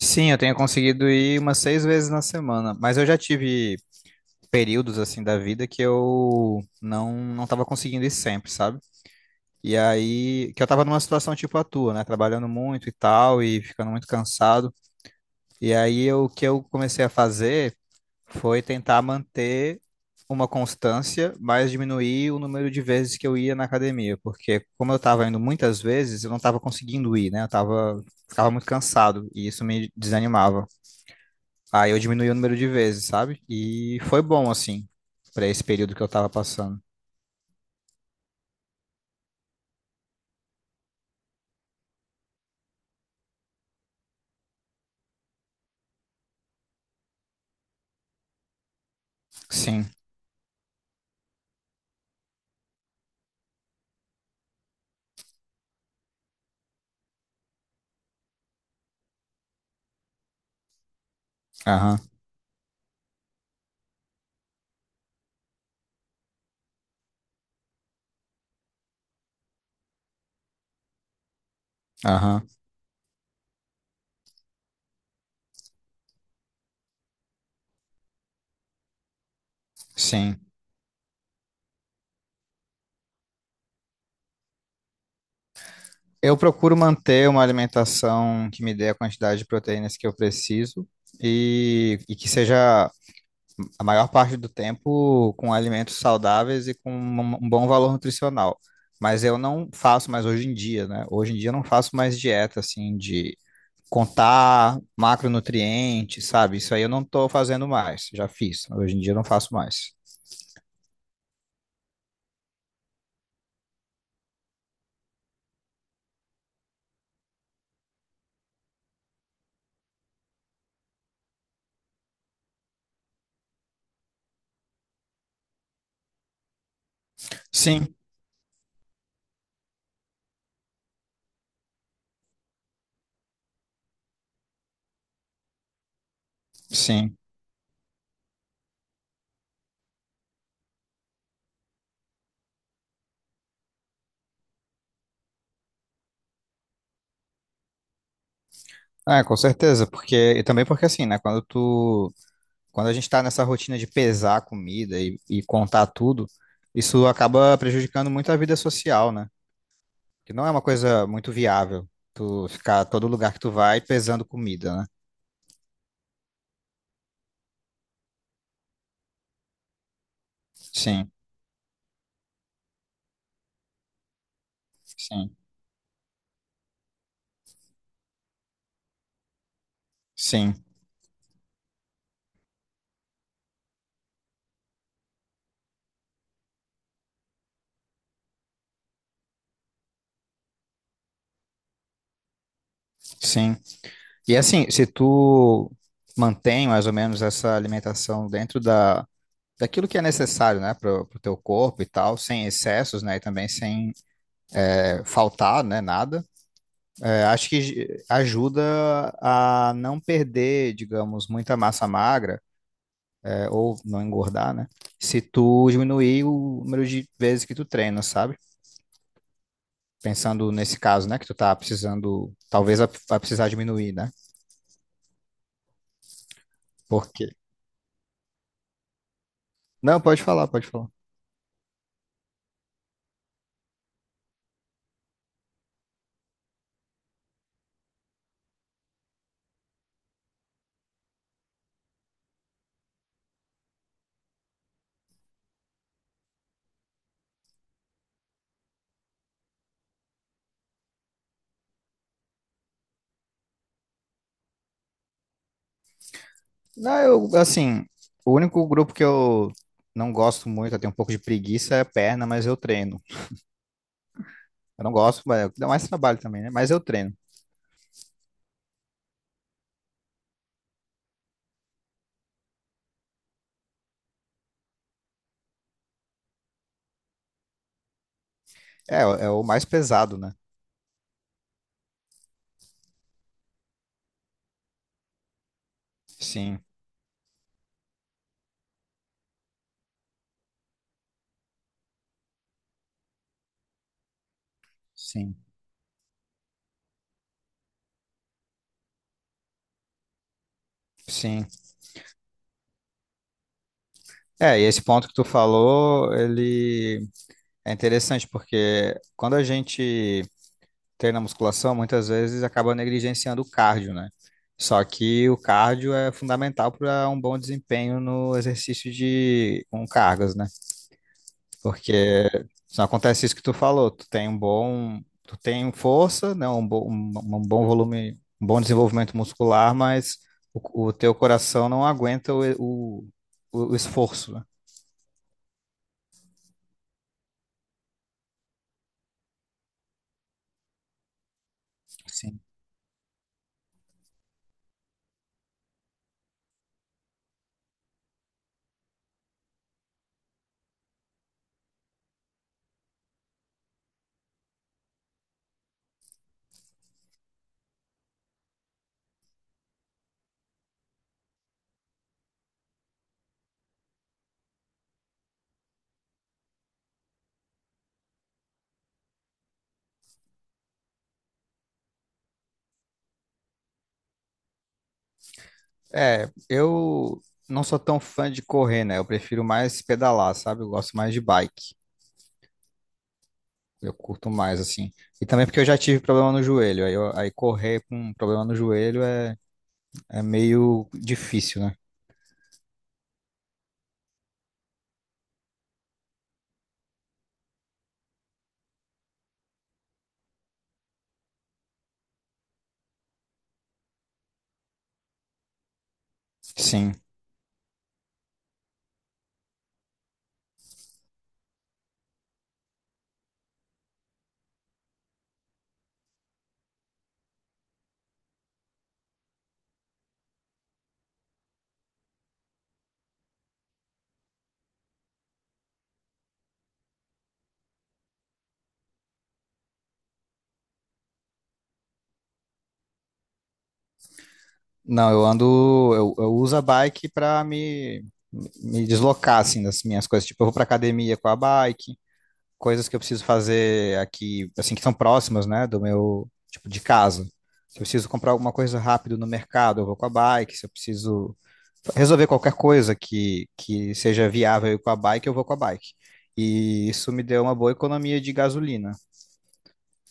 Sim, eu tenho conseguido ir umas seis vezes na semana, mas eu já tive períodos assim da vida que eu não estava conseguindo ir sempre, sabe? E aí que eu tava numa situação tipo a tua, né, trabalhando muito e tal e ficando muito cansado. E aí o que eu comecei a fazer foi tentar manter uma constância, mas diminuir o número de vezes que eu ia na academia, porque como eu tava indo muitas vezes, eu não tava conseguindo ir, né? Eu tava Ficava muito cansado e isso me desanimava. Aí eu diminui o número de vezes, sabe? E foi bom, assim, pra esse período que eu tava passando. Sim, aham, aham, sim. Eu procuro manter uma alimentação que me dê a quantidade de proteínas que eu preciso e que seja a maior parte do tempo com alimentos saudáveis e com um bom valor nutricional. Mas eu não faço mais hoje em dia, né? Hoje em dia eu não faço mais dieta, assim, de contar macronutrientes, sabe? Isso aí eu não estou fazendo mais, já fiz. Hoje em dia eu não faço mais. Sim, sim. É, com certeza, porque e também porque assim, né, quando a gente tá nessa rotina de pesar a comida e contar tudo, isso acaba prejudicando muito a vida social, né? Que não é uma coisa muito viável tu ficar todo lugar que tu vai pesando comida, né? Sim, sim, sim, sim. E assim, se tu mantém mais ou menos essa alimentação dentro daquilo que é necessário, né, pro teu corpo e tal, sem excessos, né, e também sem faltar, né, nada, acho que ajuda a não perder, digamos, muita massa magra, ou não engordar, né, se tu diminuir o número de vezes que tu treina, sabe? Pensando nesse caso, né, que tu tá precisando, talvez vai precisar diminuir, né? Porque... Não, pode falar, pode falar. Não, eu, assim, o único grupo que eu não gosto muito, eu tenho um pouco de preguiça, é perna, mas eu treino. Eu não gosto, mas dá mais trabalho também, né? Mas eu treino. É o mais pesado, né? Sim, sim, sim. É, e esse ponto que tu falou, ele é interessante, porque quando a gente treina musculação, muitas vezes acaba negligenciando o cardio, né? Só que o cardio é fundamental para um bom desempenho no exercício de com cargas, né? Porque se acontece isso que tu falou, tu tem tu tem força, né, um bom volume, um bom desenvolvimento muscular, mas o teu coração não aguenta o esforço, né? Sim. É, eu não sou tão fã de correr, né? Eu prefiro mais pedalar, sabe? Eu gosto mais de bike. Eu curto mais, assim. E também porque eu já tive problema no joelho. Aí, aí correr com problema no joelho é meio difícil, né? Sim. Não, eu uso a bike para me deslocar, assim, das minhas coisas. Tipo, eu vou pra academia com a bike, coisas que eu preciso fazer aqui, assim, que são próximas, né, do meu, tipo, de casa. Se eu preciso comprar alguma coisa rápido no mercado, eu vou com a bike. Se eu preciso resolver qualquer coisa que seja viável ir com a bike, eu vou com a bike. E isso me deu uma boa economia de gasolina,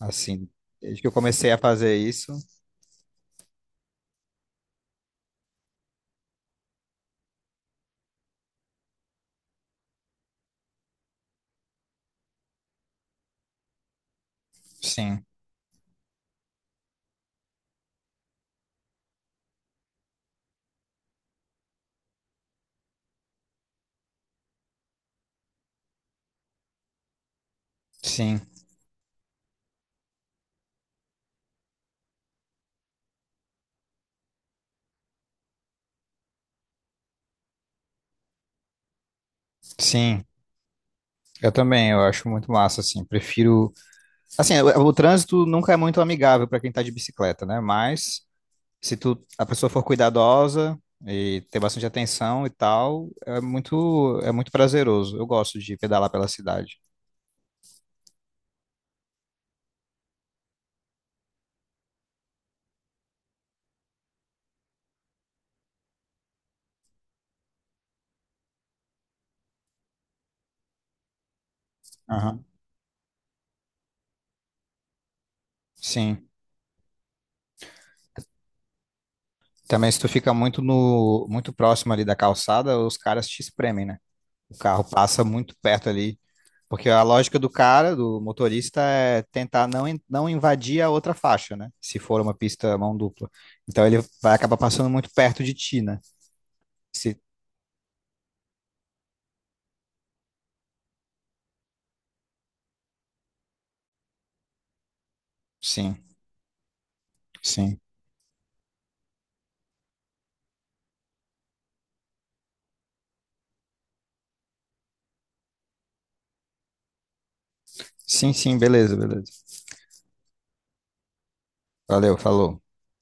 assim. Desde que eu comecei a fazer isso, sim, sim, sim. Eu também, eu acho muito massa, assim. Prefiro. Assim, o trânsito nunca é muito amigável para quem tá de bicicleta, né? Mas se tu, a pessoa for cuidadosa e ter bastante atenção e tal, é muito prazeroso. Eu gosto de pedalar pela cidade. Aham. Sim. Também se tu fica muito no, muito próximo ali da calçada, os caras te espremem, né? O carro passa muito perto ali. Porque a lógica do cara, do motorista, é tentar não invadir a outra faixa, né? Se for uma pista mão dupla. Então ele vai acabar passando muito perto de ti, né? Se- sim, sim. Sim, sim, beleza, beleza. Valeu, falou.